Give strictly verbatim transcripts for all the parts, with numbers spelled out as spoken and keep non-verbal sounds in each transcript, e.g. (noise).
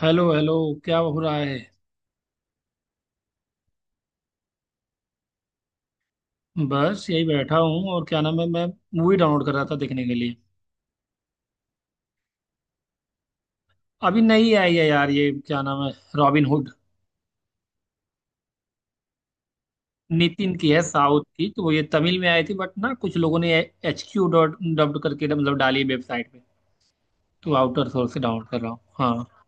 Hello hello. क्या हो रहा है? बस यही बैठा हूँ, और क्या नाम है, मैं मूवी डाउनलोड कर रहा था देखने के लिए। अभी नई आई है यार, ये क्या नाम है, रॉबिन हुड। नितिन की है, साउथ की। तो वो ये तमिल में आई थी, बट ना कुछ लोगों ने एच क्यू डॉट डब्ड करके ना, मतलब डाली वेबसाइट पे। तो आउटर सोर्स से डाउनलोड कर रहा हूँ, हाँ।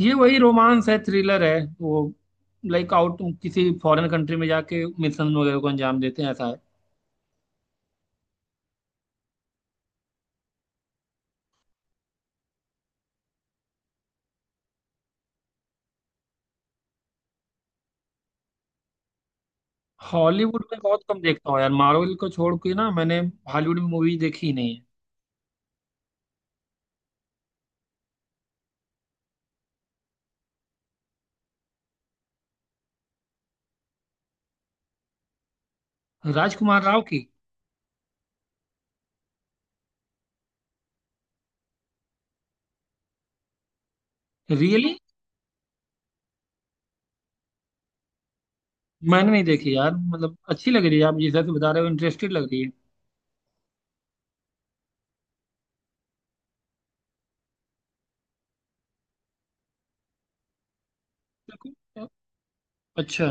ये वही रोमांस है, थ्रिलर है वो। लाइक आउट किसी फॉरेन कंट्री में जाके मिशन वगैरह को अंजाम देते हैं, ऐसा है। हॉलीवुड में बहुत कम देखता हूँ यार, मार्वल को छोड़ के ना। मैंने हॉलीवुड में मूवी देखी ही नहीं है। राजकुमार राव की। रियली। मैंने नहीं देखी यार, मतलब अच्छी लग रही है। आप जिस हिसाब से बता रहे हो, इंटरेस्टेड लग रही है। बिल्कुल। अच्छा।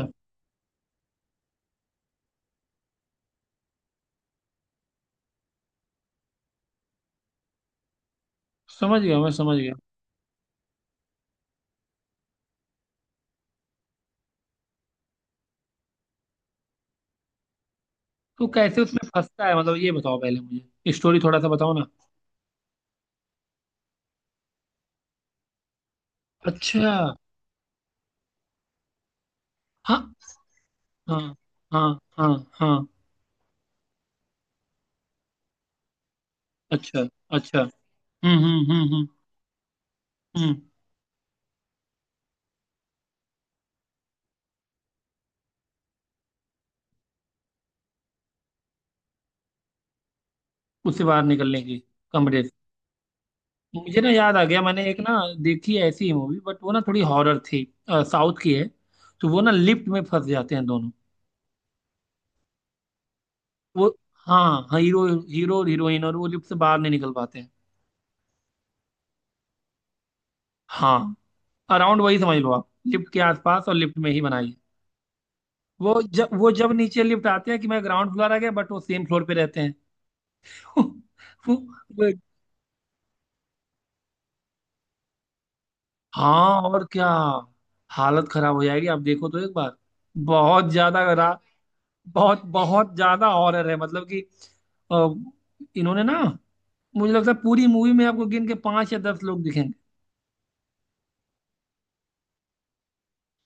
समझ गया, मैं समझ गया। तो कैसे उसमें फंसता है, मतलब ये बताओ, पहले मुझे स्टोरी थोड़ा सा बताओ ना। अच्छा। हाँ, हाँ, हाँ, हाँ, हाँ। अच्छा, अच्छा। हम्म, हम्म, हम्म, हम्म। हम्म। उससे बाहर निकलने की, कमरे से। मुझे ना याद आ गया, मैंने एक ना देखी है ऐसी ही मूवी, बट वो ना थोड़ी हॉरर थी। साउथ की है। तो वो ना लिफ्ट में फंस जाते हैं, दोनों। वो, हाँ हाँ, हीरो। हीरो और हीरोइन, और वो लिफ्ट से बाहर नहीं निकल पाते हैं। हाँ। अराउंड वही समझ लो आप, लिफ्ट के आसपास और लिफ्ट में ही बनाइए। वो जब वो जब नीचे लिफ्ट आते हैं, कि मैं ग्राउंड फ्लोर आ गया, बट वो सेम फ्लोर पे रहते हैं। (laughs) तो वो, वो हाँ, और क्या। हालत खराब हो जाएगी, आप देखो तो एक बार। बहुत ज्यादा खरा बहुत बहुत ज्यादा हॉरर है, मतलब कि अ, इन्होंने ना, मुझे लगता है पूरी मूवी में आपको गिन के पांच या दस लोग दिखेंगे।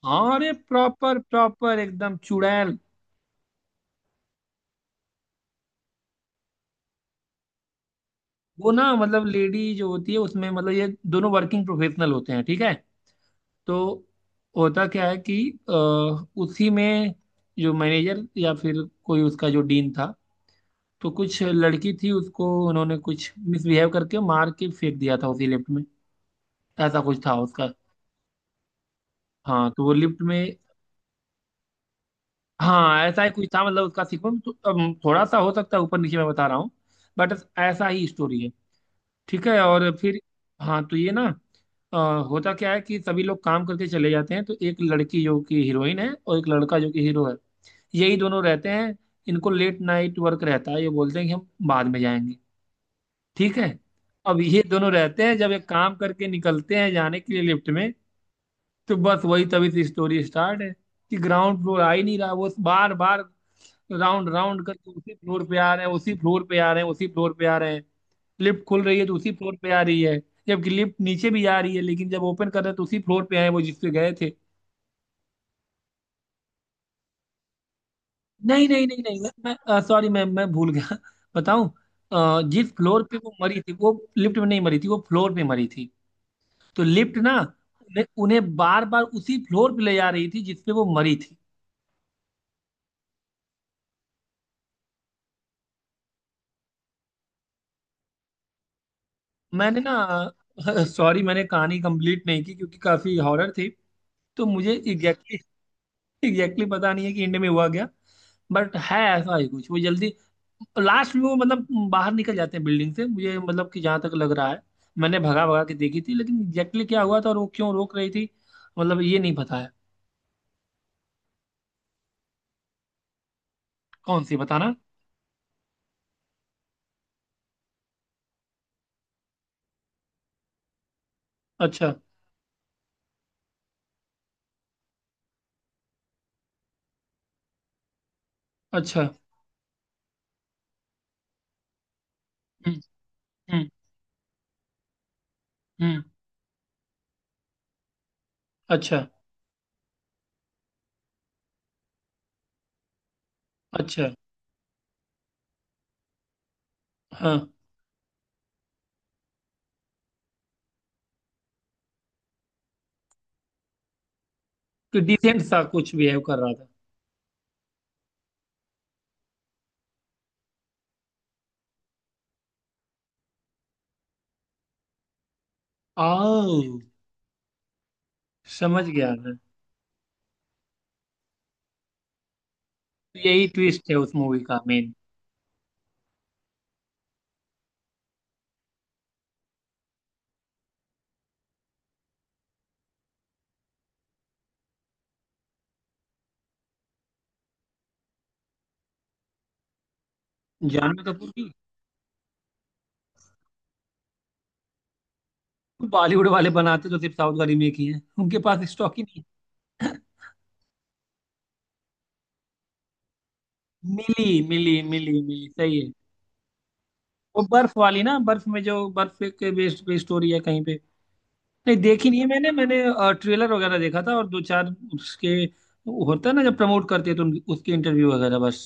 हाँ, अरे प्रॉपर प्रॉपर एकदम चुड़ैल। वो ना मतलब, लेडी जो होती है उसमें, मतलब ये दोनों वर्किंग प्रोफेशनल होते हैं, ठीक है। तो होता क्या है कि अ, उसी में जो मैनेजर या फिर कोई उसका जो डीन था, तो कुछ लड़की थी, उसको उन्होंने कुछ मिसबिहेव करके मार के फेंक दिया था उसी लिफ्ट में। ऐसा कुछ था उसका। हाँ, तो वो लिफ्ट में। हाँ, ऐसा ही कुछ था, मतलब उसका सीक्वेंस तो, अम, थोड़ा सा हो सकता है ऊपर नीचे मैं बता रहा हूँ। बट ऐसा ही स्टोरी है। ठीक है, और फिर। हाँ, तो ये ना अ, होता क्या है कि सभी लोग काम करके चले जाते हैं, तो एक लड़की जो कि हीरोइन है और एक लड़का जो कि हीरो है, यही दोनों रहते हैं। इनको लेट नाइट वर्क रहता है, ये बोलते हैं कि हम बाद में जाएंगे। ठीक है। अब ये दोनों रहते हैं, जब एक काम करके निकलते हैं जाने के लिए लिफ्ट में, तो बस वही तभी से स्टोरी स्टार्ट है। कि ग्राउंड फ्लोर आ ही नहीं रहा, वो बार बार राउंड राउंड करके उसी फ्लोर पे आ रहे हैं, उसी फ्लोर पे आ रहे हैं, उसी फ्लोर पे आ रहे हैं। लिफ्ट खुल रही है तो उसी फ्लोर पे आ रही है। जबकि लिफ्ट नीचे भी आ रही है, लेकिन जब ओपन कर रहे हैं तो उसी फ्लोर पे आए वो, जिस पे गए थे। नहीं, नहीं, नहीं, नहीं, मैं सॉरी मैम, मैं भूल गया (laughs) बताऊं। अ, जिस फ्लोर पे वो मरी थी, वो लिफ्ट में नहीं मरी थी, वो फ्लोर पे मरी थी। तो लिफ्ट ना उन्हें उन्हें बार बार उसी फ्लोर पे ले जा रही थी, जिस पे वो मरी थी। मैंने ना (laughs) सॉरी, मैंने कहानी कंप्लीट नहीं की, क्योंकि काफी हॉरर थी। तो मुझे एग्जैक्टली एग्जैक्टली पता नहीं है कि इंड में हुआ क्या। बट है ऐसा ही कुछ, वो जल्दी लास्ट में वो मतलब बाहर निकल जाते हैं बिल्डिंग से मुझे, मतलब कि जहां तक लग रहा है। मैंने भगा भगा के देखी थी, लेकिन एग्जैक्टली क्या हुआ था और वो क्यों रोक रही थी, मतलब ये नहीं पता है। कौन सी बताना। अच्छा, अच्छा, हम्म, हम्म, हम्म, अच्छा, अच्छा, हाँ। कि डिसेंट सा कुछ बिहेव कर रहा था। आओ, समझ गया मैं। तो यही ट्विस्ट है उस मूवी का मेन। जानवी कपूर की। बॉलीवुड वाले बनाते तो सिर्फ साउथ का रीमेक ही है, उनके पास स्टॉक ही नहीं। है। मिली, मिली, मिली, मिली, सही है। वो बर्फ वाली ना, बर्फ में, जो बर्फ के बेस्ड पे स्टोरी है कहीं पे। नहीं देखी नहीं है मैंने। मैंने ट्रेलर वगैरह देखा था और दो चार उसके, होता है ना जब प्रमोट करते हैं तो उन- उसके इंटरव्यू वगैरह, बस।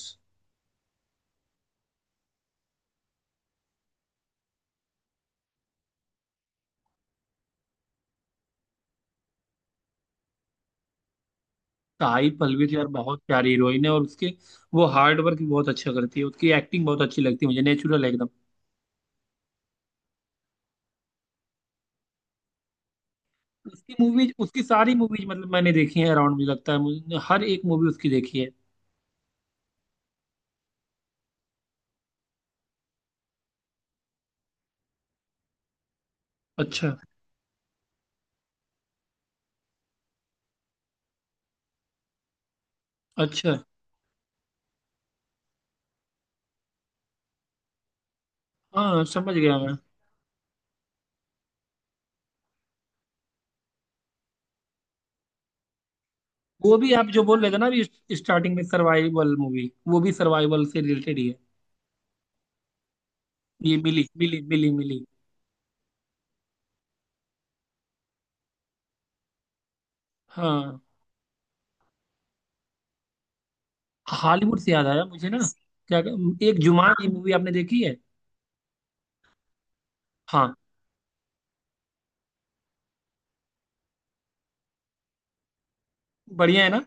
साई पल्लवी तो यार बहुत प्यारी हीरोइन है, और उसके, वो हार्ड वर्क भी बहुत अच्छा करती है। उसकी एक्टिंग बहुत अच्छी लगती है मुझे, नेचुरल है एकदम। उसकी मूवीज, उसकी सारी मूवीज मतलब मैंने देखी है, अराउंड मुझे लगता है मुझे हर एक मूवी उसकी देखी है। अच्छा, अच्छा, हाँ, समझ गया मैं। वो भी आप जो बोल रहे थे ना अभी, स्टार्टिंग में सर्वाइवल मूवी, वो भी सर्वाइवल से रिलेटेड ही है। ये मिली, मिली, मिली, मिली। हाँ, हॉलीवुड से याद आया मुझे ना। क्या, एक जुमान की मूवी आपने देखी है? हाँ। बढ़िया है ना?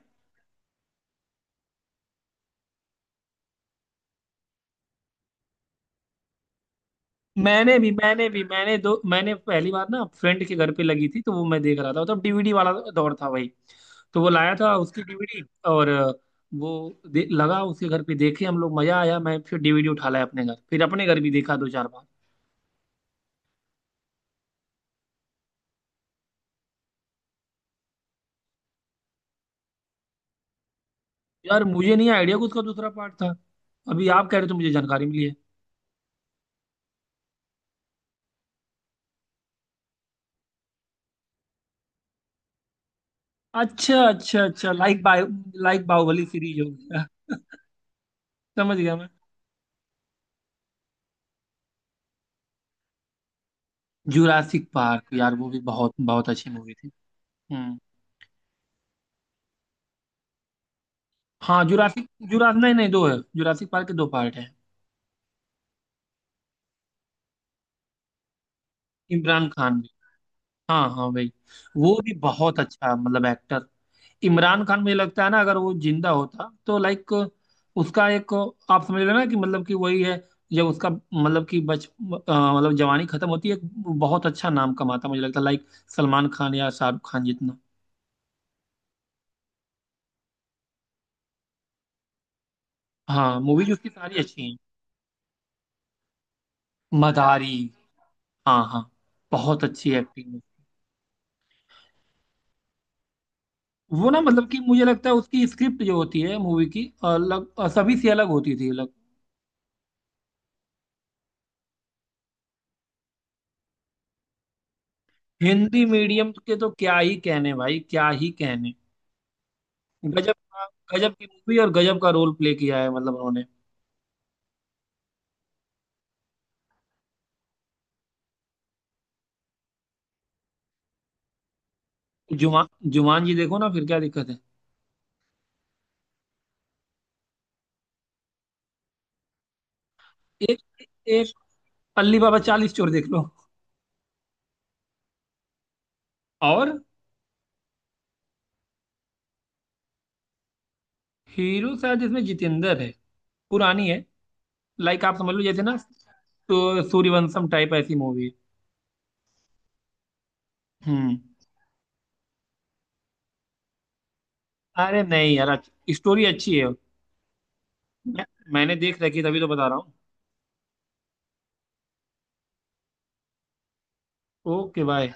मैंने भी मैंने भी मैंने दो मैंने पहली बार ना फ्रेंड के घर पे लगी थी, तो वो मैं देख रहा था, तब डी वी डी वाला दौर था भाई। तो वो लाया था उसकी डी वी डी। और अ, वो दे, लगा उसके घर पे देखे हम लोग, मजा आया। मैं फिर डी वी डी उठा लाया अपने घर, फिर अपने घर भी देखा दो चार बार। यार मुझे नहीं आइडिया कि उसका दूसरा पार्ट था, अभी आप कह रहे हो तो मुझे जानकारी मिली है। अच्छा, अच्छा, अच्छा, like by. Like Baahubali series हो गया। समझ गया मैं। जुरासिक पार्क यार, वो भी बहुत बहुत अच्छी मूवी थी। हम्म। हाँ, जुरासिक जुरास नहीं नहीं, दो है, जुरासिक पार्क के दो पार्ट है। इमरान खान। हाँ हाँ भाई। वो भी बहुत अच्छा मतलब एक्टर। इमरान खान मुझे लगता है ना, अगर वो जिंदा होता तो लाइक, उसका एक, आप समझ रहे हो ना कि मतलब कि वही है। जब उसका मतलब कि बच अ, मतलब जवानी खत्म होती है, एक बहुत अच्छा नाम कमाता मुझे लगता है, लाइक सलमान खान या शाहरुख खान जितना। हाँ, मूवीज उसकी सारी अच्छी हैं। मदारी। हाँ हाँ, बहुत अच्छी एक्टिंग है। वो ना मतलब कि मुझे लगता है उसकी स्क्रिप्ट जो होती है मूवी की, अलग, सभी से अलग होती थी। हिंदी मीडियम के तो क्या ही कहने भाई, क्या ही कहने। गजब का, गजब की मूवी, और गजब का रोल प्ले किया है मतलब उन्होंने। जुमा जुमान जी देखो ना, फिर क्या दिक्कत है। एक एक अल्ली बाबा चालीस चोर देख लो। और हीरो शायद इसमें जितेंद्र है, पुरानी है, लाइक आप समझ लो जैसे ना, तो सूर्यवंशम टाइप ऐसी मूवी है। हम्म। अरे नहीं यार, स्टोरी अच्छी है। मैं, मैंने देख रखी है, तभी तो बता रहा हूँ। Okay bye.